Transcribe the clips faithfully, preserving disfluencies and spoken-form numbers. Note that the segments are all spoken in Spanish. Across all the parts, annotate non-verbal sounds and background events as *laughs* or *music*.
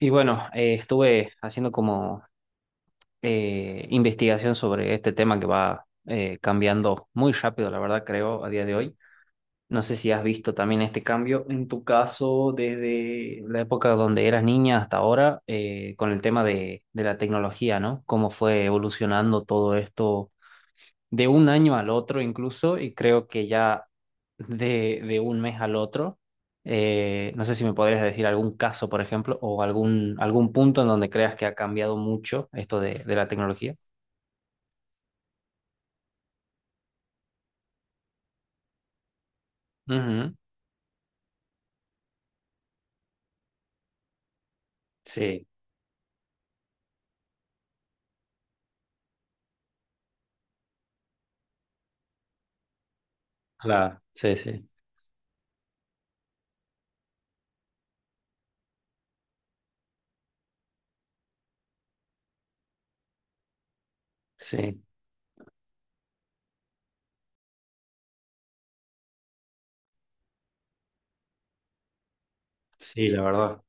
Y bueno, eh, estuve haciendo como eh, investigación sobre este tema que va eh, cambiando muy rápido, la verdad, creo, a día de hoy. No sé si has visto también este cambio en tu caso desde la época donde eras niña hasta ahora, eh, con el tema de, de la tecnología, ¿no? Cómo fue evolucionando todo esto de un año al otro incluso, y creo que ya de, de un mes al otro. Eh, no sé si me podrías decir algún caso, por ejemplo, o algún, algún punto en donde creas que ha cambiado mucho esto de, de la tecnología. Ujú. Sí, claro, sí, sí, sí, sí, la verdad,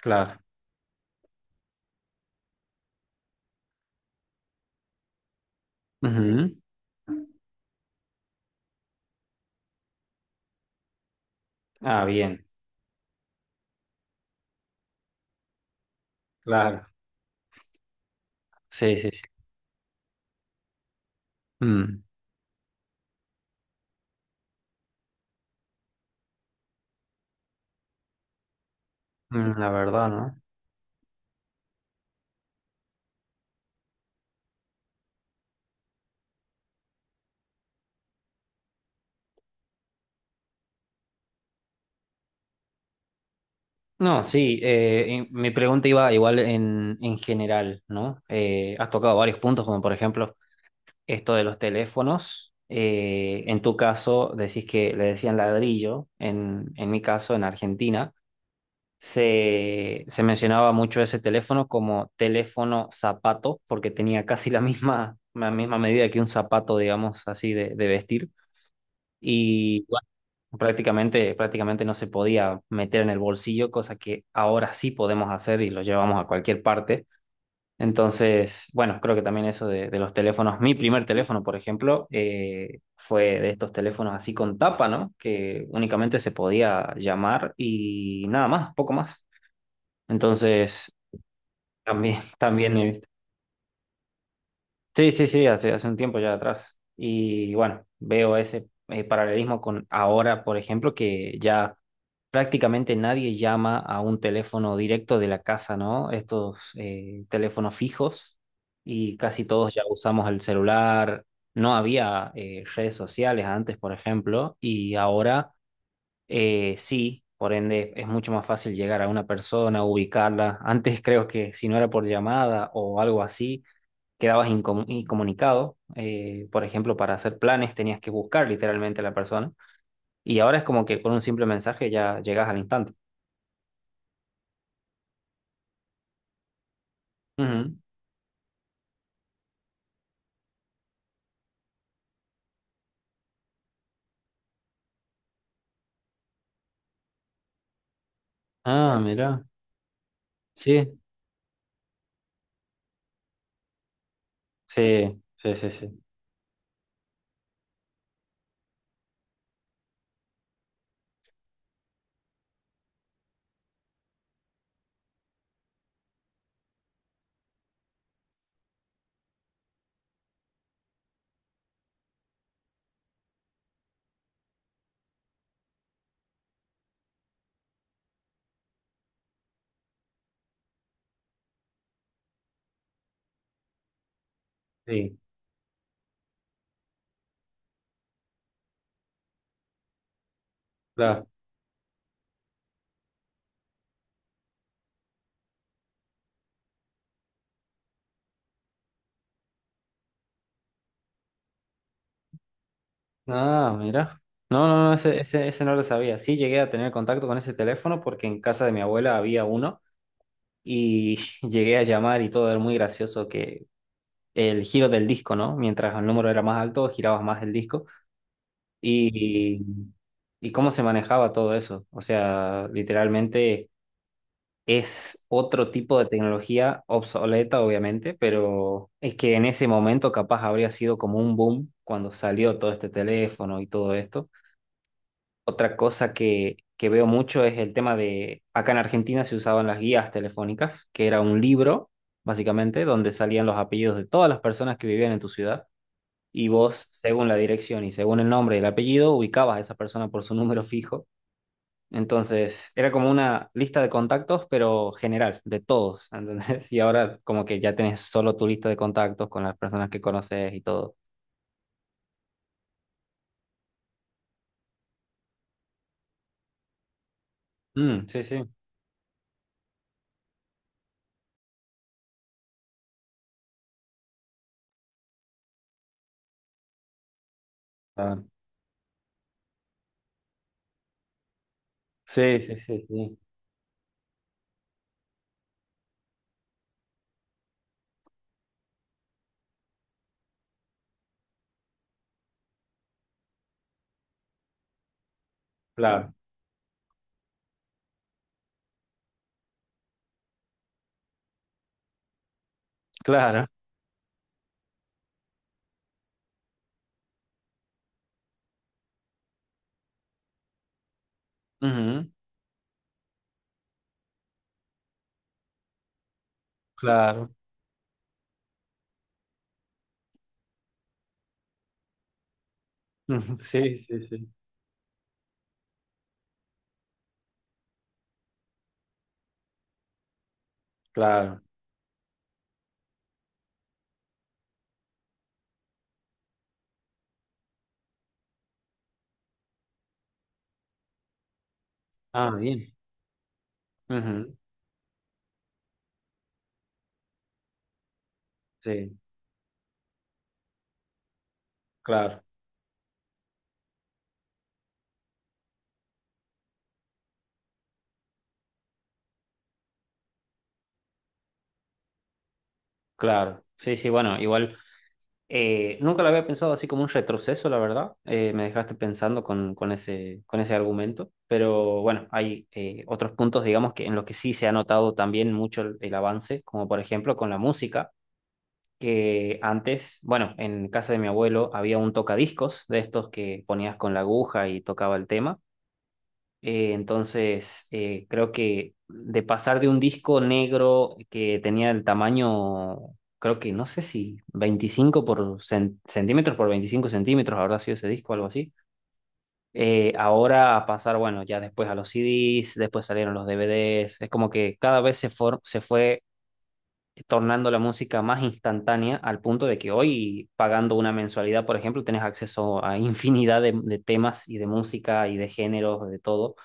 claro. Ujú. Ah, bien, claro, sí, sí, sí. Mm, mm, la verdad, ¿no? No, sí, eh, y mi pregunta iba igual en, en general, ¿no? Eh, has tocado varios puntos, como por ejemplo esto de los teléfonos. eh, en tu caso, decís que le decían ladrillo, en, en mi caso, en Argentina, se, se mencionaba mucho ese teléfono como teléfono zapato, porque tenía casi la misma, la misma medida que un zapato, digamos así, de, de vestir. Y bueno, prácticamente, prácticamente no se podía meter en el bolsillo, cosa que ahora sí podemos hacer y lo llevamos a cualquier parte. Entonces, bueno, creo que también eso de, de los teléfonos, mi primer teléfono, por ejemplo, eh, fue de estos teléfonos así con tapa, ¿no? Que únicamente se podía llamar y nada más, poco más. Entonces, también, *laughs* también eh, Sí, sí, sí, hace, hace un tiempo ya atrás. Y bueno, veo ese eh, paralelismo con ahora, por ejemplo, que ya prácticamente nadie llama a un teléfono directo de la casa, ¿no? Estos eh, teléfonos fijos y casi todos ya usamos el celular. No había eh, redes sociales antes, por ejemplo, y ahora eh, sí, por ende es mucho más fácil llegar a una persona, ubicarla. Antes creo que si no era por llamada o algo así quedabas incom- incomunicado. eh, por ejemplo, para hacer planes tenías que buscar literalmente a la persona. Y ahora es como que con un simple mensaje ya llegas al instante. Ujú. Ah, mira. Sí, sí, sí, sí, sí. Sí, claro. Ah, mira. No, no, no, ese, ese, ese no lo sabía. Sí, llegué a tener contacto con ese teléfono porque en casa de mi abuela había uno y *laughs* llegué a llamar y todo era muy gracioso que el giro del disco, ¿no? Mientras el número era más alto, girabas más el disco. Y ¿y cómo se manejaba todo eso? O sea, literalmente es otro tipo de tecnología obsoleta, obviamente, pero es que en ese momento capaz habría sido como un boom cuando salió todo este teléfono y todo esto. Otra cosa que, que veo mucho es el tema de, acá en Argentina se usaban las guías telefónicas, que era un libro, básicamente, donde salían los apellidos de todas las personas que vivían en tu ciudad. Y vos, según la dirección y según el nombre y el apellido, ubicabas a esa persona por su número fijo entonces, era como una lista de contactos, pero general, de todos, ¿entendés? *laughs* Y ahora como que ya tenés solo tu lista de contactos con las personas que conoces y todo. Mm, sí, sí. Claro. Sí, sí, sí, sí. Claro. Claro. Ujú. Claro. *laughs* Ujú. Sí, sí, sí. Claro. Ah, bien. Ujú. Sí, claro, claro. Sí, sí, bueno, igual. Eh, nunca lo había pensado así como un retroceso, la verdad. Eh, me dejaste pensando con, con ese, con ese argumento. Pero bueno, hay eh, otros puntos, digamos, que en los que sí se ha notado también mucho el, el avance, como por ejemplo con la música, que antes, bueno, en casa de mi abuelo había un tocadiscos de estos que ponías con la aguja y tocaba el tema. Eh, entonces, eh, creo que de pasar de un disco negro que tenía el tamaño, creo que no sé si veinticinco por cen- centímetros por veinticinco centímetros habrá sido ese disco, algo así. Eh, ahora a pasar, bueno, ya después a los C Ds, después salieron los D V Ds. Es como que cada vez se, for- se fue tornando la música más instantánea al punto de que hoy, pagando una mensualidad, por ejemplo, tenés acceso a infinidad de de temas y de música y de géneros, de todo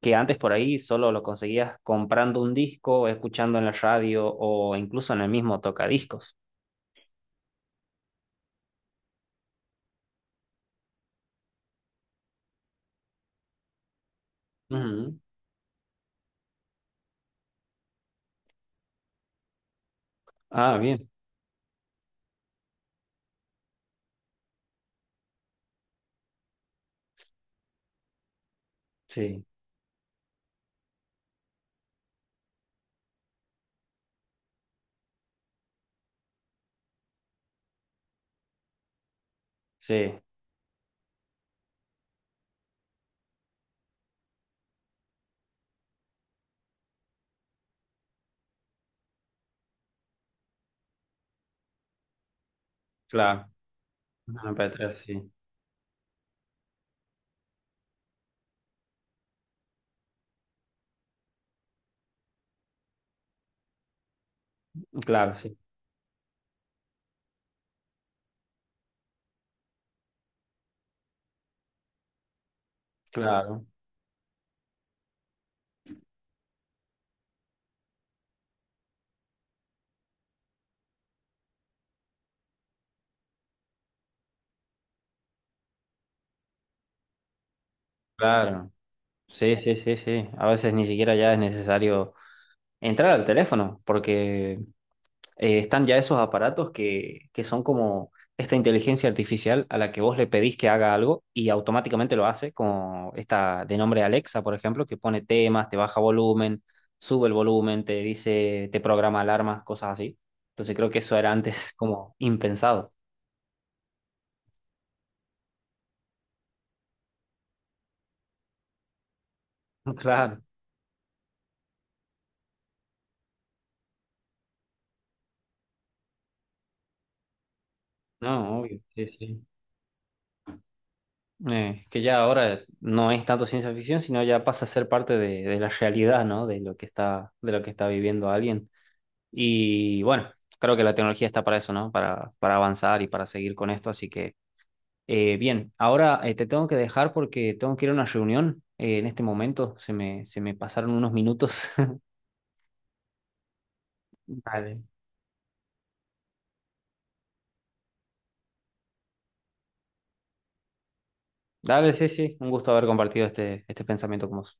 que antes por ahí solo lo conseguías comprando un disco, escuchando en la radio o incluso en el mismo tocadiscos. Ujú. Ah, bien. Sí, sí, claro. Una M P tres, sí. Claro, sí, claro, claro. Sí, sí, sí, sí. A veces ni siquiera ya es necesario entrar al teléfono porque eh, están ya esos aparatos que, que son como esta inteligencia artificial a la que vos le pedís que haga algo y automáticamente lo hace, como esta de nombre Alexa, por ejemplo, que pone temas, te baja volumen, sube el volumen, te dice, te programa alarmas, cosas así. Entonces creo que eso era antes *laughs* como impensado. Claro, no, obvio, sí, sí. Eh, que ya ahora no es tanto ciencia ficción, sino ya pasa a ser parte de, de la realidad, ¿no? De lo que está, de lo que está viviendo alguien. Y bueno, creo que la tecnología está para eso, ¿no? Para, para avanzar y para seguir con esto. Así que, eh, bien, ahora eh, te tengo que dejar porque tengo que ir a una reunión eh, en este momento. Se me, se me pasaron unos minutos. *laughs* Dale. Dale, sí, sí. Un gusto haber compartido este, este pensamiento con vos.